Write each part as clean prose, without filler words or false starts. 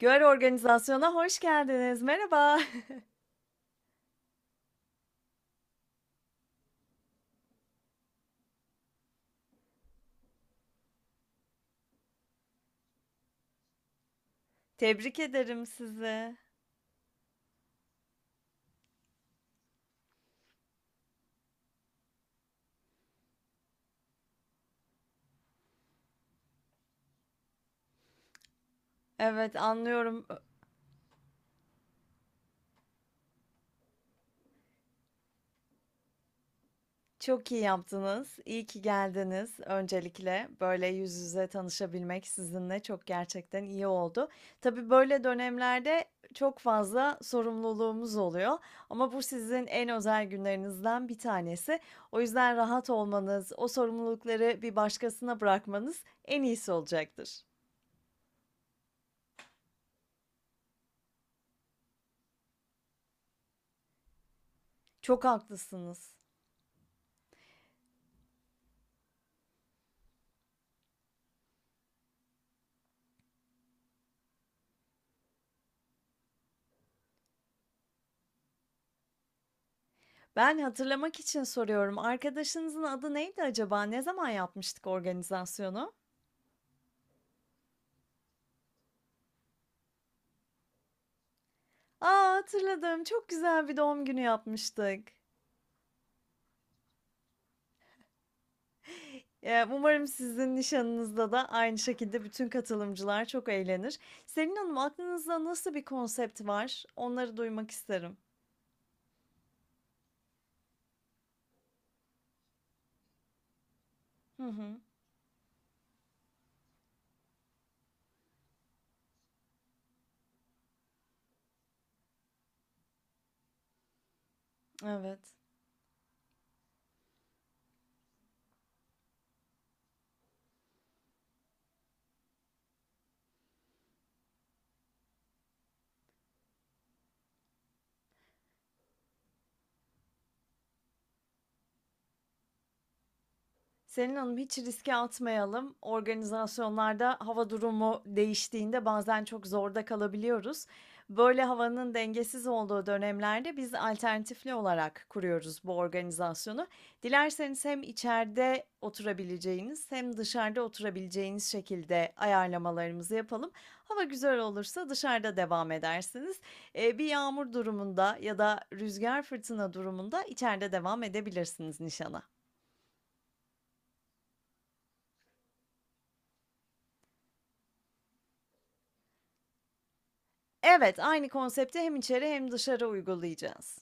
Gör organizasyona hoş geldiniz. Merhaba. Tebrik ederim sizi. Evet, anlıyorum. Çok iyi yaptınız. İyi ki geldiniz öncelikle. Böyle yüz yüze tanışabilmek sizinle çok gerçekten iyi oldu. Tabii böyle dönemlerde çok fazla sorumluluğumuz oluyor ama bu sizin en özel günlerinizden bir tanesi. O yüzden rahat olmanız, o sorumlulukları bir başkasına bırakmanız en iyisi olacaktır. Çok haklısınız. Ben hatırlamak için soruyorum. Arkadaşınızın adı neydi acaba? Ne zaman yapmıştık organizasyonu? A, hatırladım. Çok güzel bir doğum günü yapmıştık. Umarım sizin nişanınızda da aynı şekilde bütün katılımcılar çok eğlenir. Selin Hanım, aklınızda nasıl bir konsept var? Onları duymak isterim. Hı hı. Evet. Selin Hanım hiç riske atmayalım. Organizasyonlarda hava durumu değiştiğinde bazen çok zorda kalabiliyoruz. Böyle havanın dengesiz olduğu dönemlerde biz alternatifli olarak kuruyoruz bu organizasyonu. Dilerseniz hem içeride oturabileceğiniz hem dışarıda oturabileceğiniz şekilde ayarlamalarımızı yapalım. Hava güzel olursa dışarıda devam edersiniz. Bir yağmur durumunda ya da rüzgar fırtına durumunda içeride devam edebilirsiniz nişana. Evet, aynı konsepti hem içeri hem dışarı uygulayacağız.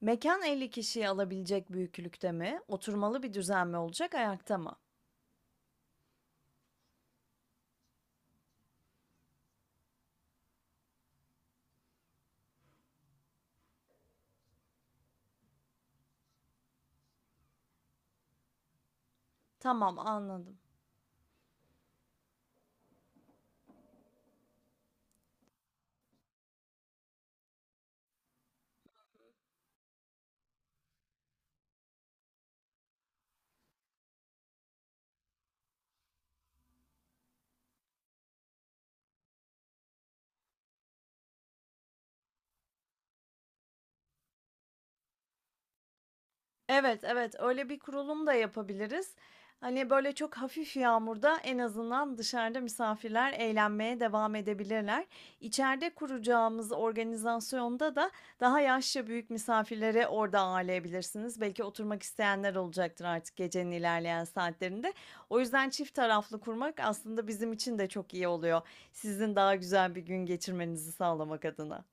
Mekan 50 kişiyi alabilecek büyüklükte mi? Oturmalı bir düzen mi olacak, ayakta mı? Tamam, anladım. Evet, evet, öyle bir kurulum da yapabiliriz. Hani, böyle, çok hafif yağmurda en azından dışarıda misafirler eğlenmeye devam edebilirler. İçeride kuracağımız organizasyonda da daha yaşça büyük misafirleri orada ağırlayabilirsiniz. Belki oturmak isteyenler olacaktır artık gecenin ilerleyen saatlerinde. O yüzden çift taraflı kurmak aslında bizim için de çok iyi oluyor. Sizin daha güzel bir gün geçirmenizi sağlamak adına.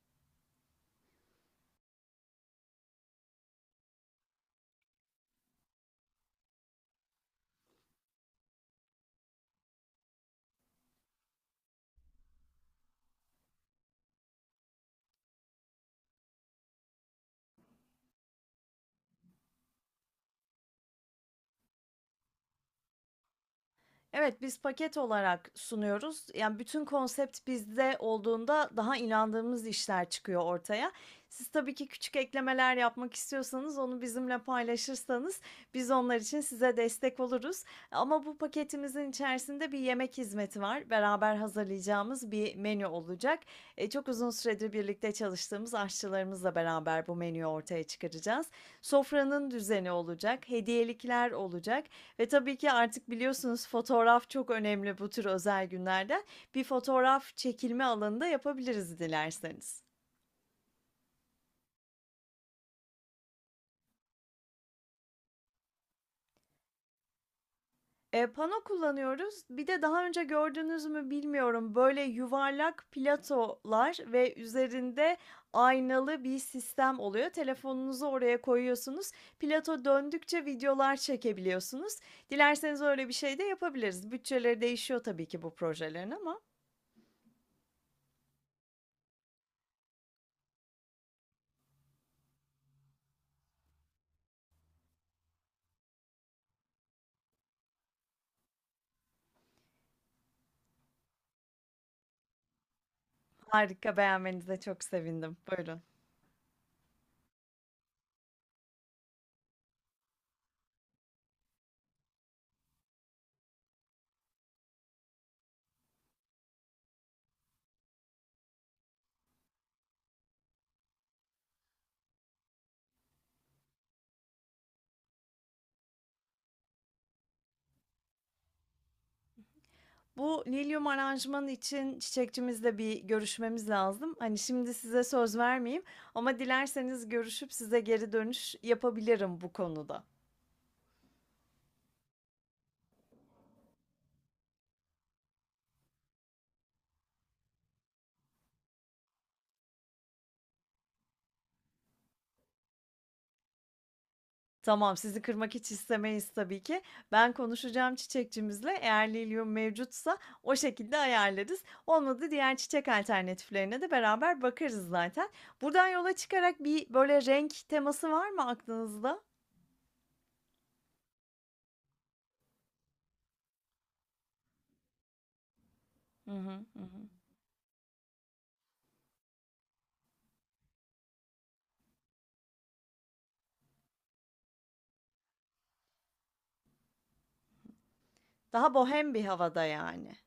Evet, biz paket olarak sunuyoruz. Yani, bütün konsept bizde olduğunda daha inandığımız işler çıkıyor ortaya. Siz tabii ki küçük eklemeler yapmak istiyorsanız onu bizimle paylaşırsanız biz onlar için size destek oluruz. Ama bu paketimizin içerisinde bir yemek hizmeti var. Beraber hazırlayacağımız bir menü olacak. Çok uzun süredir birlikte çalıştığımız aşçılarımızla beraber bu menüyü ortaya çıkaracağız. Sofranın düzeni olacak, hediyelikler olacak. Ve tabii ki artık biliyorsunuz fotoğraf çok önemli bu tür özel günlerde. Bir fotoğraf çekilme alanında yapabiliriz dilerseniz. E pano kullanıyoruz. Bir de daha önce gördünüz mü bilmiyorum, böyle yuvarlak platolar ve üzerinde aynalı bir sistem oluyor. Telefonunuzu oraya koyuyorsunuz. Plato döndükçe videolar çekebiliyorsunuz. Dilerseniz öyle bir şey de yapabiliriz. Bütçeleri değişiyor tabii ki bu projelerin ama. Harika, beğenmenize çok sevindim. Buyurun. Bu lilyum aranjmanı için çiçekçimizle bir görüşmemiz lazım. Hani şimdi size söz vermeyeyim ama dilerseniz görüşüp size geri dönüş yapabilirim bu konuda. Tamam, sizi kırmak hiç istemeyiz tabii ki. Ben konuşacağım çiçekçimizle. Eğer lilyum mevcutsa o şekilde ayarlarız. Olmadı diğer çiçek alternatiflerine de beraber bakarız zaten. Buradan yola çıkarak bir böyle renk teması var mı aklınızda? Hı hı, hı hı. Daha bohem bir havada yani.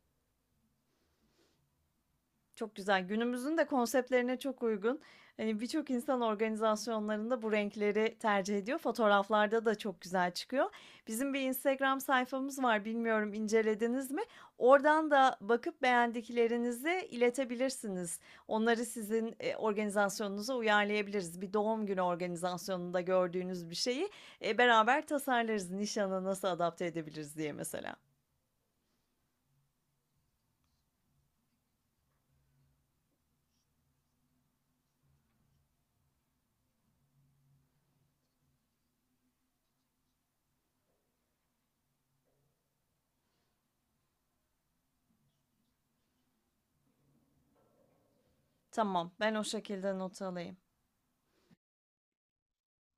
Çok güzel. Günümüzün de konseptlerine çok uygun. Hani, birçok insan organizasyonlarında bu renkleri tercih ediyor. Fotoğraflarda da çok güzel çıkıyor. Bizim bir Instagram sayfamız var. Bilmiyorum incelediniz mi? Oradan da bakıp beğendiklerinizi iletebilirsiniz. Onları sizin, organizasyonunuza uyarlayabiliriz. Bir doğum günü organizasyonunda gördüğünüz bir şeyi, beraber tasarlarız. Nişana nasıl adapte edebiliriz diye mesela. Tamam, ben o şekilde not alayım.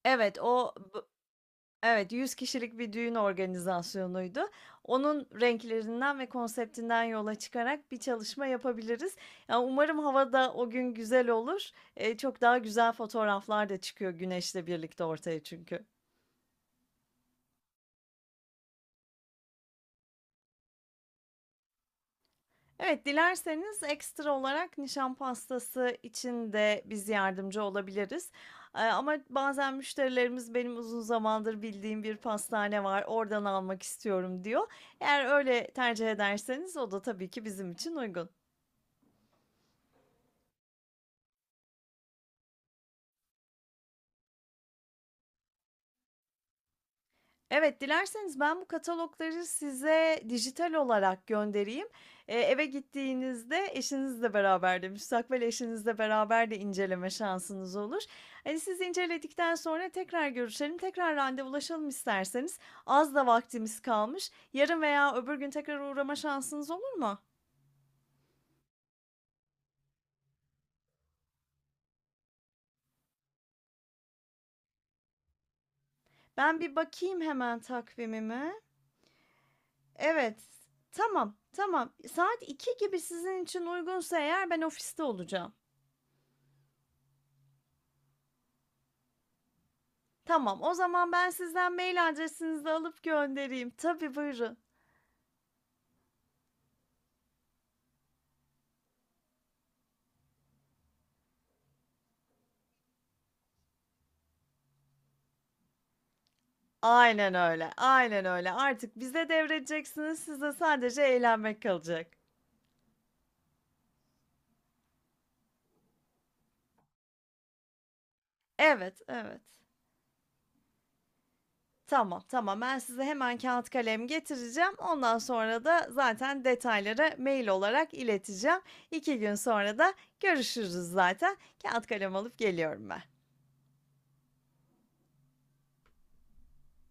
Evet, o Evet, 100 kişilik bir düğün organizasyonuydu. Onun renklerinden ve konseptinden yola çıkarak bir çalışma yapabiliriz. Ya, umarım havada o gün güzel olur. Çok daha güzel fotoğraflar da çıkıyor güneşle birlikte ortaya çünkü. Evet, dilerseniz ekstra olarak nişan pastası için de biz yardımcı olabiliriz. Ama bazen müşterilerimiz benim uzun zamandır bildiğim bir pastane var, oradan almak istiyorum diyor. Eğer öyle tercih ederseniz o da tabii ki bizim için uygun. Evet, dilerseniz ben bu katalogları size dijital olarak göndereyim. Eve gittiğinizde eşinizle beraber de, müstakbel eşinizle beraber de inceleme şansınız olur. Hani, siz inceledikten sonra tekrar görüşelim, tekrar randevulaşalım isterseniz. Az da vaktimiz kalmış. Yarın veya öbür gün tekrar uğrama şansınız olur mu? Ben bir bakayım hemen takvimime. Evet, tamam, tamam. Saat 2 gibi sizin için uygunsa eğer ben ofiste olacağım. Tamam, o zaman ben sizden mail adresinizi alıp göndereyim. Tabii, buyurun. Aynen öyle, aynen öyle. Artık bize devredeceksiniz, size sadece eğlenmek kalacak. Evet, evet. Tamam, tamam. Ben size hemen kâğıt kalem getireceğim. Ondan sonra da zaten detayları mail olarak ileteceğim. 2 gün sonra da görüşürüz zaten. Kâğıt kalem alıp geliyorum ben.